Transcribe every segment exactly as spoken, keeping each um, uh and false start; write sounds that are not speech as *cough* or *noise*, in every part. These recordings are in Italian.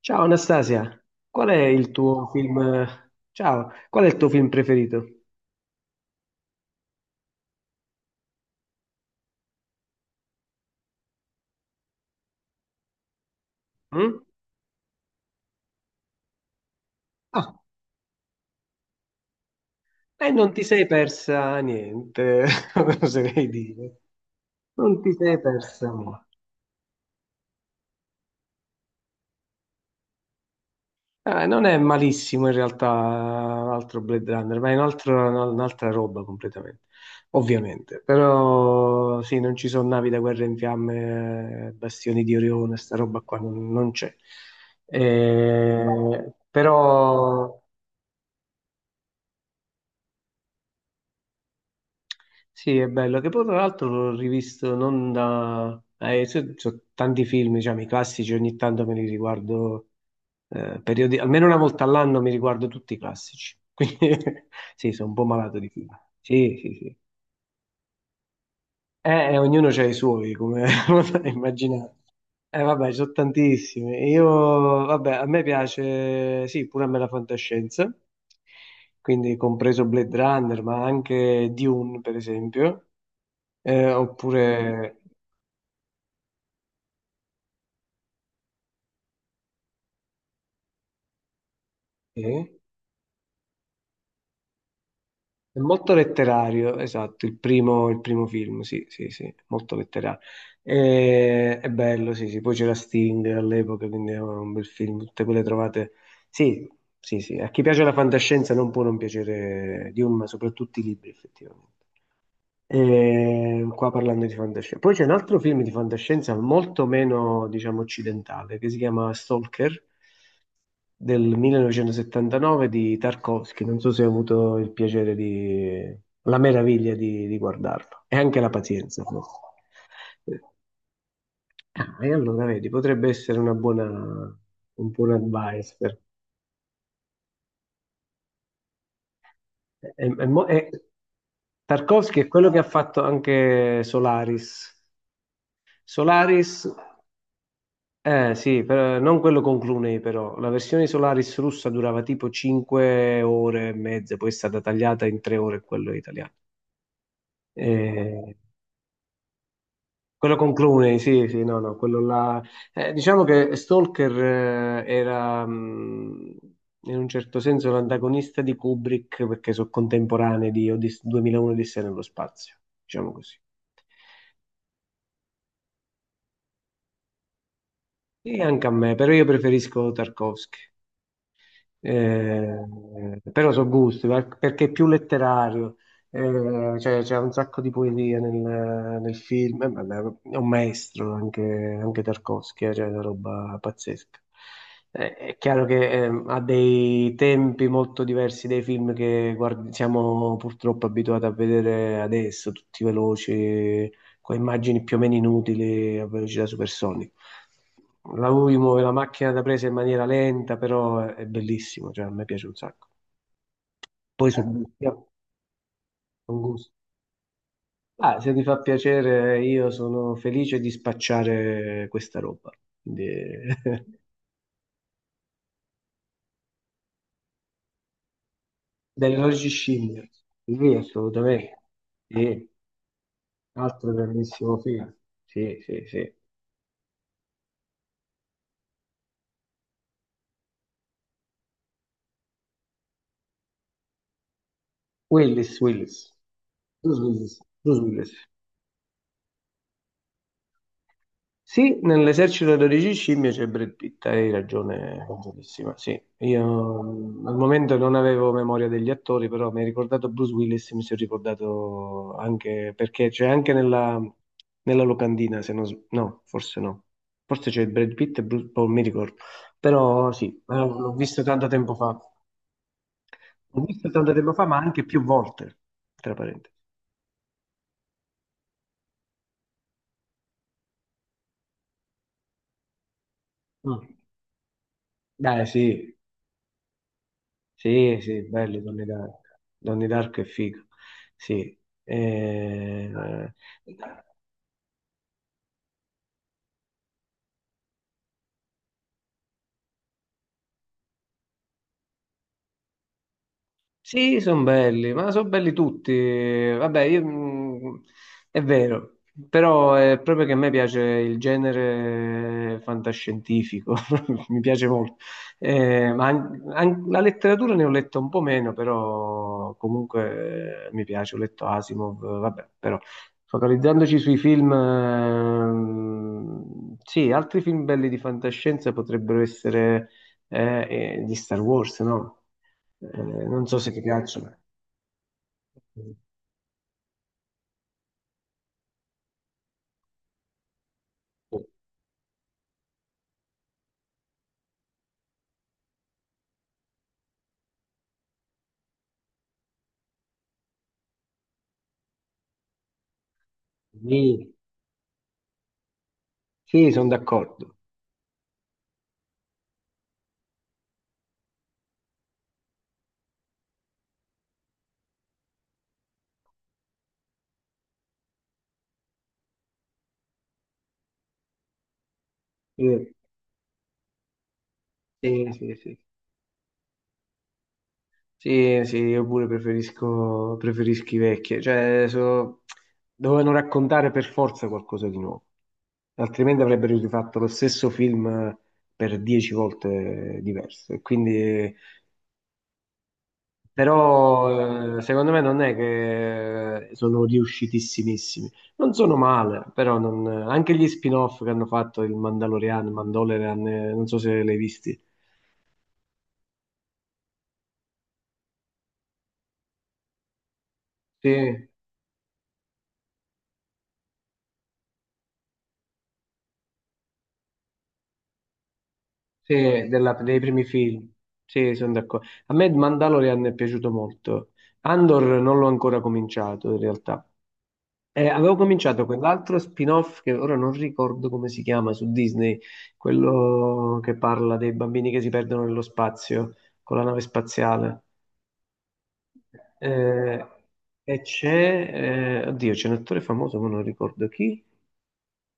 Ciao Anastasia, qual è il tuo film? Ciao, qual è il tuo film preferito? Mm? Ah, e non ti sei persa niente, *laughs* oserei dire. Non ti sei persa molto. Eh, non è malissimo in realtà l'altro Blade Runner, ma è un altro- un'altra roba completamente, ovviamente. Però sì, non ci sono navi da guerra in fiamme, eh, bastioni di Orione, sta roba qua non, non c'è. Eh, però sì, è bello, che poi tra l'altro l'ho rivisto non da. Eh, so- so tanti film, diciamo, i classici, ogni tanto me li riguardo, eh, periodi- almeno una volta all'anno mi riguardo tutti i classici, *laughs* quindi sì, sono un po' malato di film. Sì, sì, sì. Eh, eh, ognuno ha i suoi, come *laughs* potrai immaginare. Eh, vabbè, ci sono tantissimi. Io, vabbè, a me piace, sì, pure a me la fantascienza, quindi compreso Blade Runner, ma anche Dune, per esempio. Eh, oppure eh, è molto letterario, esatto, il primo, il primo film, sì, sì, sì, molto letterario. Eh, è bello, sì, sì, poi c'era Sting all'epoca, quindi era un bel film, tutte quelle trovate. Sì, sì, sì, a chi piace la fantascienza non può non piacere Dune, ma soprattutto i libri, effettivamente. E qua parlando di fantascienza. Poi c'è un altro film di fantascienza molto meno, diciamo, occidentale, che si chiama Stalker del millenovecentosettantanove di Tarkovsky. Non so se hai avuto il piacere di. La meraviglia di, di guardarlo e anche la pazienza, forse. Eh, Ah, e allora, vedi, potrebbe essere una buona, un buon advice. per- è- è mo- è- Tarkovsky è quello che ha fatto anche Solaris. Solaris. Eh sì, però- non quello con Clooney però, la versione Solaris russa durava tipo cinque ore e mezza, poi è stata tagliata in tre ore quello italiano. Eh, Quello con Clooney, sì, sì, no, no, quello là. Eh, diciamo che Stalker eh, era mh, in un certo senso l'antagonista di Kubrick perché sono contemporanei di Odis- duemilauno Odissea nello spazio, diciamo così. E anche a me, però io preferisco Tarkovsky. Eh, però sono gusti, ma- perché è più letterario, eh, cioè, c'è un sacco di poesia nel, nel film, eh, vabbè, è un maestro anche, anche Tarkovsky, eh, cioè una roba pazzesca. Eh, è chiaro che ehm, ha dei tempi molto diversi dai film che guard- siamo purtroppo abituati a vedere adesso, tutti veloci, con immagini più o meno inutili a velocità supersonica. La U I muove la macchina da presa in maniera lenta, però è è bellissimo, cioè a me piace un sacco. Poi sono gusti, eh, sono gusti. Ah, se ti fa piacere, io sono felice di spacciare questa roba. Quindi, *laughs* delle logiche scimmie. Sì, assolutamente. Sì, altro grandissimo film. Sì, sì, sì. Willis, Willis. Bruce Willis. Bruce Willis. Sì, nell'esercito dodici scimmie c'è Brad Pitt, hai ragione, ragionissima. Sì, io mm, al momento non avevo memoria degli attori, però mi hai ricordato Bruce Willis, mi sono ricordato anche perché c'è anche nella, nella locandina, se non s- no, forse no. Forse c'è Brad Pitt e Bruce, oh, mi ricordo. Però sì, eh, l'ho visto tanto tempo fa. L'ho visto tanto tempo fa, ma anche più volte, tra parentesi. Mm. Beh, sì, sì, sì, belli Donnie Dark. Donnie Dark è figo. Sì. Eh, sì, sono belli, ma sono belli tutti. Vabbè, io, mh, è vero, però è proprio che a me piace il genere fantascientifico, *laughs* mi piace molto. Eh, ma an- an- la letteratura ne ho letta un po' meno, però comunque eh, mi piace, ho letto Asimov, vabbè, però focalizzandoci sui film, ehm, sì, altri film belli di fantascienza potrebbero essere eh, eh, di Star Wars, no? Eh, non so se ti piacciono. Sì, sì, sono d'accordo. Sì, sì, sì, sì. Sì, sì, io pure preferisco, preferisco i vecchi. Cioè, so- dovevano raccontare per forza qualcosa di nuovo, altrimenti avrebbero rifatto lo stesso film per dieci volte diverso. E quindi. Però eh, secondo me non è che sono riuscitissimissimi. Non sono male, però non- anche gli spin-off che hanno fatto il Mandalorian, Mandalorian, eh, non so se l'hai visti. Sì, sì, della- dei primi film. Sì, sono d'accordo. A me il Mandalorian è piaciuto molto. Andor non l'ho ancora cominciato in realtà. Eh, avevo cominciato quell'altro spin-off che ora non ricordo come si chiama su Disney, quello che parla dei bambini che si perdono nello spazio con la nave spaziale. Eh, e c'è, eh, oddio, c'è un attore famoso, ma non ricordo chi.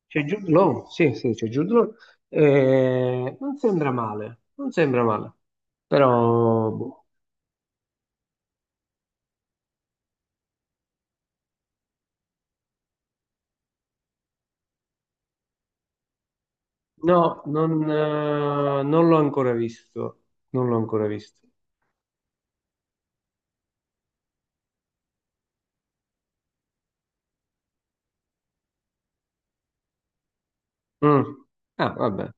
C'è Jude Law, sì, sì, c'è Jude Law. Eh, non sembra male, non sembra male, però boh. No, non, eh, non l'ho ancora visto, non l'ho ancora visto. Mm. Ah, vabbè.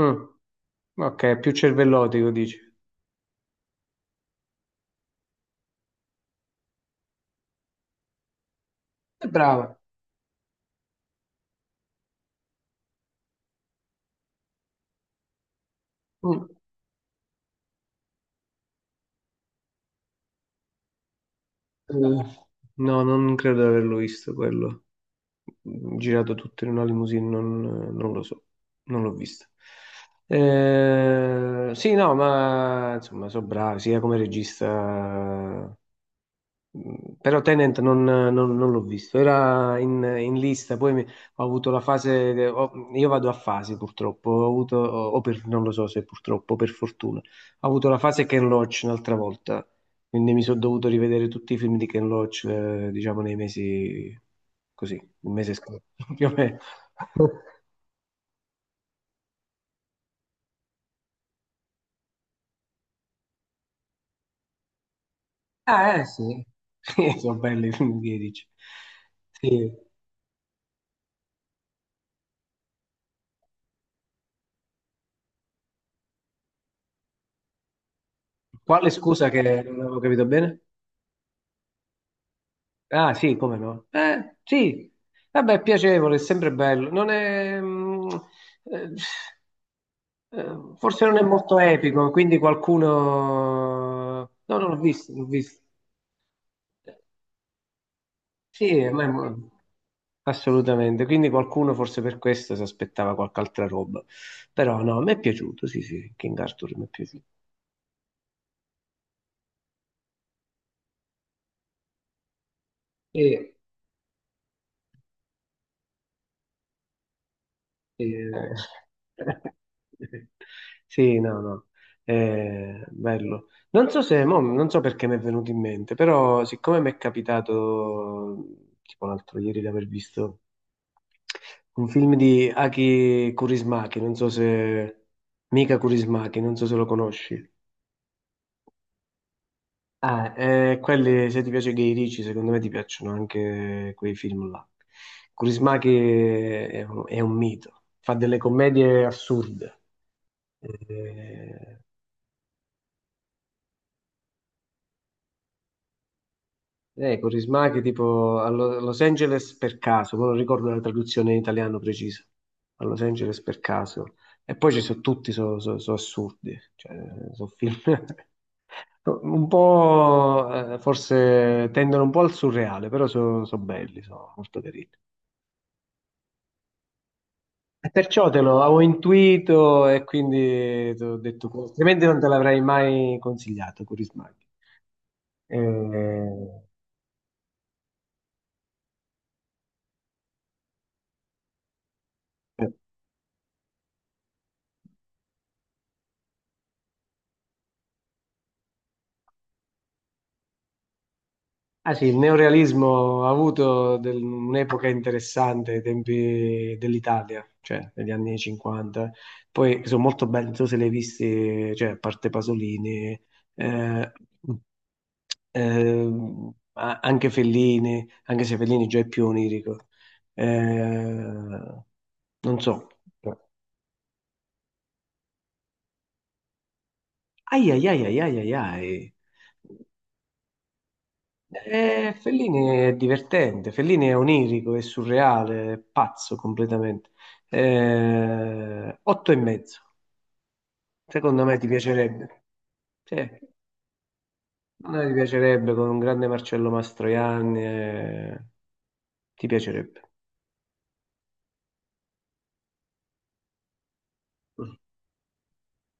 Mm, ok, è più cervellotico, dici. È brava. Mm, eh, no, non credo di averlo visto quello. Mm, Girato tutto in una limousine, non, non lo so, non l'ho visto. Eh, sì, no, ma insomma, sono bravi, sia come regista. Mm, Però Tenant non, non- non l'ho visto, era in, in lista, poi mi- ho avuto la fase, ho- io vado a fasi purtroppo, ho avuto, o per, non lo so se purtroppo, o per fortuna, ho avuto la fase Ken Loach un'altra volta, quindi mi sono dovuto rivedere tutti i film di Ken Loach, eh, diciamo nei mesi, così, il mese scorso, *laughs* più o meno. Ah, eh, sì, *laughs* sì, sono belli i film di Edici. Sì. Quale scusa che non avevo capito bene? Ah, sì, come no? Eh, sì, vabbè, è piacevole, è sempre bello. Non è, mm, eh, eh, forse non è molto epico, quindi qualcuno. No, non l'ho visto, l'ho visto. Sì, ma è mo- assolutamente. Quindi qualcuno forse per questo si aspettava qualche altra roba. Però no, mi è piaciuto, sì, sì, King Arthur mi è piaciuto. Sì. Eh, *laughs* Sì, no, no, Eh, bello. Non so se, mo, non so perché mi è venuto in mente, però siccome mi è capitato, tipo l'altro ieri, di aver visto un film di Aki Kaurismäki, non so se. Mika Kaurismäki, non so se lo conosci. Ah, eh, quelli, se ti piace Guy Ritchie, secondo me ti piacciono anche quei film là. Kurismaki è, è un mito, fa delle commedie assurde. Eh, Eh, Corisma che tipo a Lo- Los Angeles per caso, ma non ricordo la traduzione in italiano precisa. A Los Angeles per caso. E poi ci sono tutti, sono assurdi, cioè, sono film *laughs* un po', eh, forse tendono un po' al surreale, però sono belli, sono molto carini. E perciò te lo avevo intuito e quindi ti ho detto, altrimenti non te l'avrei mai consigliato, Corisma. Eh, eh. Ah sì, il neorealismo ha avuto del- un'epoca interessante ai tempi dell'Italia, cioè negli anni cinquanta. Poi sono molto belli, non so se li hai visti, cioè, a parte Pasolini, eh, ehm, a- anche Fellini, anche se Fellini già è più onirico. Eh, Non so. Ai ai ai ai ai ai ai. Eh, Fellini è divertente, Fellini è onirico, è surreale, è pazzo completamente. Eh, otto e mezzo, secondo me ti piacerebbe. Sì, secondo me ti piacerebbe con un grande Marcello Mastroianni, eh, ti piacerebbe.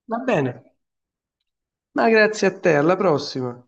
Va bene, ma grazie a te, alla prossima.